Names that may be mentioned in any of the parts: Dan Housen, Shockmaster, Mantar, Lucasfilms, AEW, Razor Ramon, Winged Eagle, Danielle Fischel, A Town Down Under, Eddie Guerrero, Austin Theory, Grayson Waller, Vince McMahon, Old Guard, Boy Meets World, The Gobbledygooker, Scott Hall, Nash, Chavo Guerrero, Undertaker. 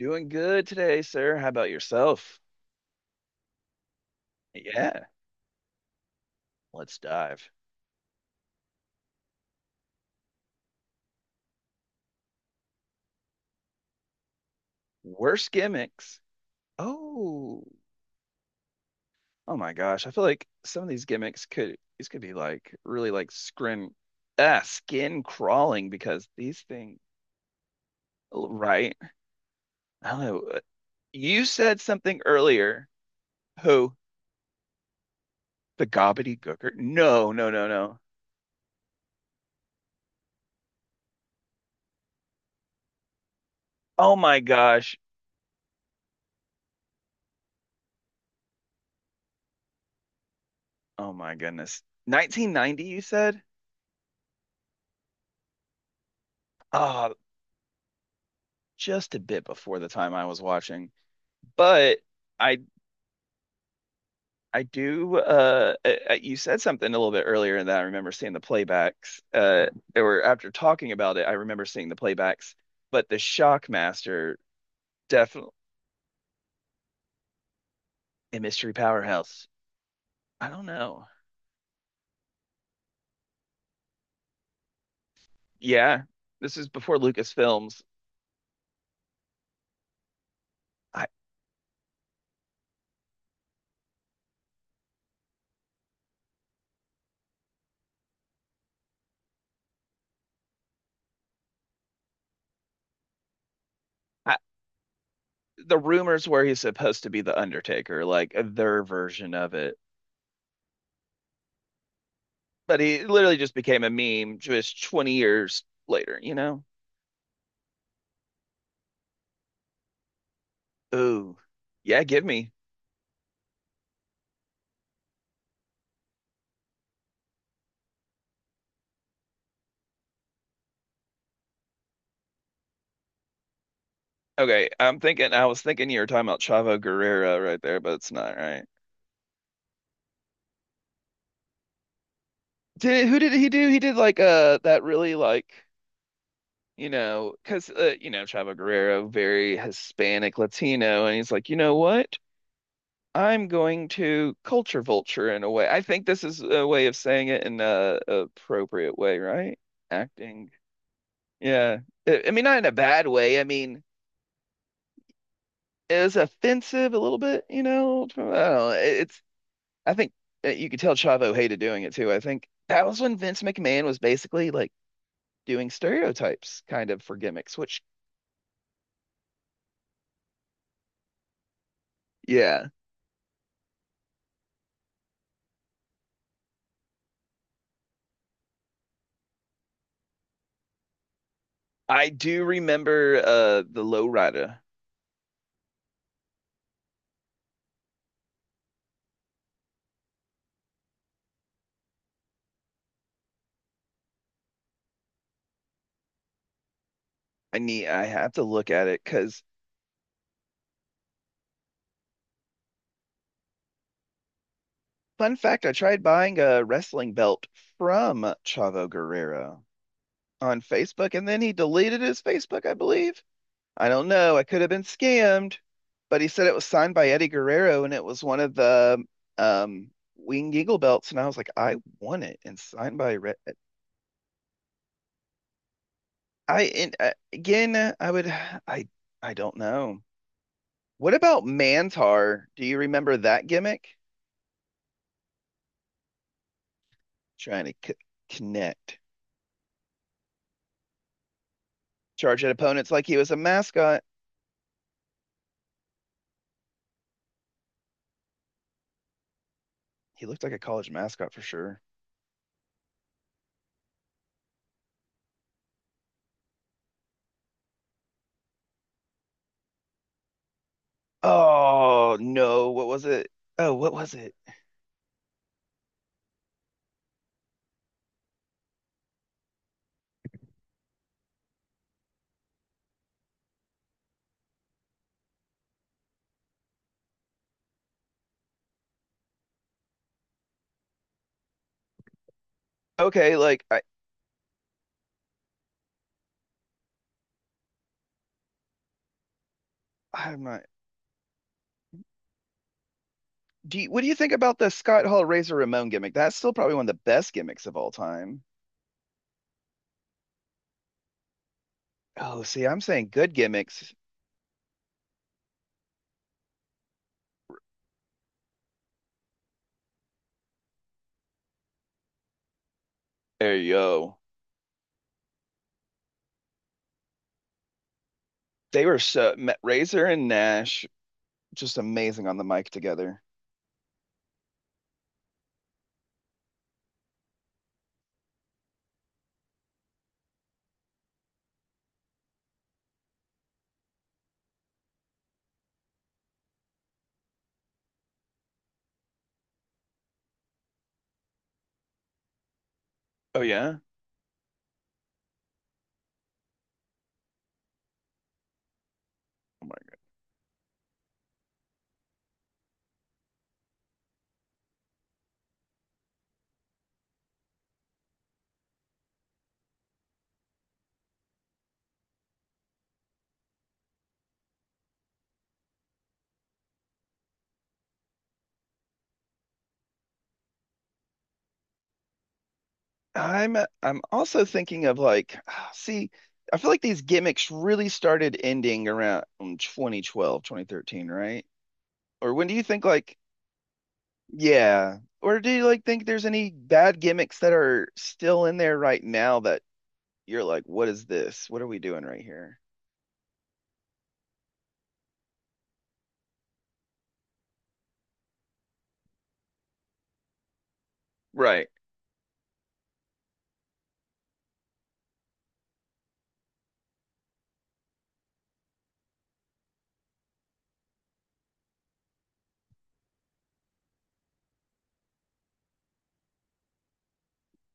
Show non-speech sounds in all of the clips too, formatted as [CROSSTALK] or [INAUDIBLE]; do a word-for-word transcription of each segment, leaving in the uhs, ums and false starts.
Doing good today, sir. How about yourself? Yeah, let's dive. Worst gimmicks. Oh, oh my gosh. I feel like some of these gimmicks could these could be like really like skin ah skin crawling because these things right. I don't know. uh, You said something earlier. Who? The gobbledygooker? No, no, no, no. Oh my gosh. Oh my goodness. nineteen ninety, you said? Ah, just a bit before the time I was watching. But I I do uh I, I- you said something a little bit earlier and that I remember seeing the playbacks. Uh there were after talking about it, I remember seeing the playbacks, but the Shockmaster definitely a mystery powerhouse. I don't know. Yeah. This is before Lucasfilms. I, I The rumors were he's supposed to be the Undertaker, like uh, their version of it. But he literally just became a meme just twenty years later, you know? Ooh. Yeah, give me. Okay, I'm thinking. I was thinking you were talking about Chavo Guerrero right there, but it's not right. Did who did he do? He did like uh that really like you know because uh, you know Chavo Guerrero very Hispanic Latino, and he's like, you know what? I'm going to culture vulture in a way. I think this is a way of saying it in a appropriate way, right? Acting, yeah. I I mean, not in a bad way. I mean, it was offensive a little bit, you know. I don't know. It- It's I think uh, you could tell Chavo hated doing it too. I think that was when Vince McMahon was basically like doing stereotypes kind of for gimmicks, which yeah, I do remember uh the lowrider. I need I have to look at it because fun fact, I tried buying a wrestling belt from Chavo Guerrero on Facebook and then he deleted his Facebook, I believe. I don't know. I could have been scammed, but he said it was signed by Eddie Guerrero and it was one of the um Winged Eagle belts. And I was like, I want it and signed by Red. I and uh, again, I would, I, I don't know. What about Mantar? Do you remember that gimmick? Trying to c Connect, charge at opponents like he was a mascot. He looked like a college mascot for sure. Oh no, what was it? Oh, what was it? Okay, like I, I'm not. Do you, what do you think about the Scott Hall Razor Ramon gimmick? That's still probably one of the best gimmicks of all time. Oh, see, I'm saying good gimmicks. There you go. They were so Razor and Nash just amazing on the mic together. Oh yeah. Oh my God. I'm I'm also thinking of like, [SIGHS] see, I feel like these gimmicks really started ending around twenty twelve, twenty thirteen, right? Or when do you think like, yeah, or do you like think there's any bad gimmicks that are still in there right now that you're like, what is this? What are we doing right here? Right.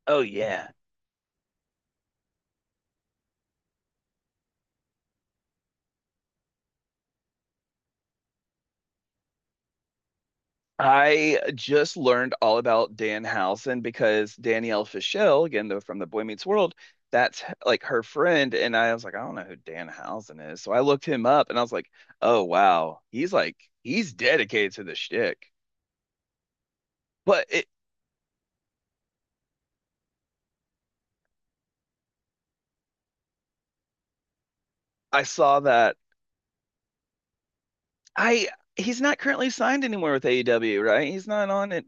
Oh yeah. I just learned all about Dan Housen because Danielle Fischel, again, though from the Boy Meets World, that's like her friend. And I was like, I don't know who Dan Housen is. So I looked him up and I was like, oh wow. He's like he's dedicated to the shtick. But it, I saw that I he's not currently signed anywhere with A E W, right? He's not on it.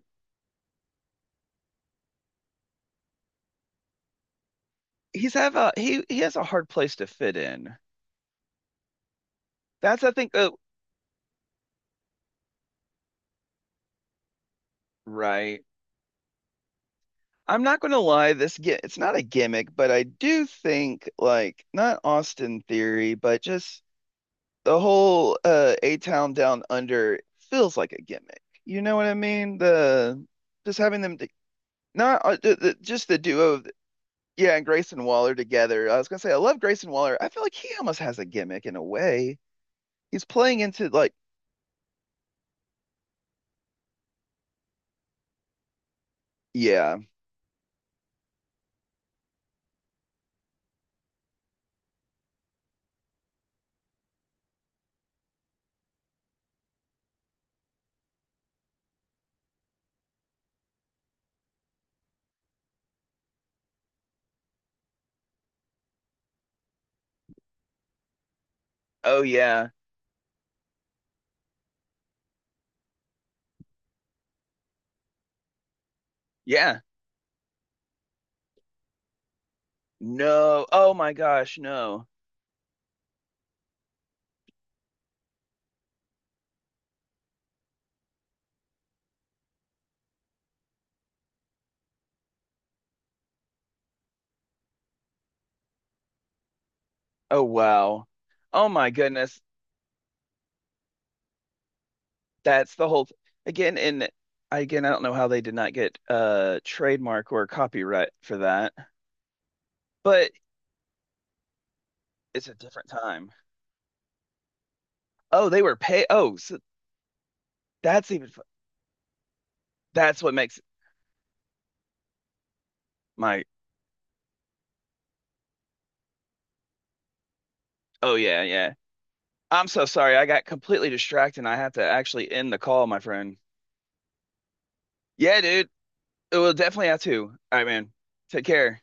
He's have a he he has a hard place to fit in. That's I think uh, right. I'm not going to lie, this get it's not a gimmick, but I do think like not Austin Theory, but just the whole uh A Town Down Under feels like a gimmick. You know what I mean? The just having them to, not uh, the, the, just the duo of Yeah, and Grayson Waller together. I was gonna say I love Grayson Waller. I feel like he almost has a gimmick in a way. He's playing into like yeah, oh yeah, yeah, no, oh my gosh, no, oh wow. Oh my goodness. That's the whole th- Again, and again, I don't know how they did not get a trademark or copyright for that, but it's a different time. Oh, they were pay. Oh, so that's even fu- that's what makes my. Oh yeah, yeah. I'm so sorry. I got completely distracted. And I have to actually end the call, my friend. Yeah, dude. It will definitely have to. All right, man. Take care.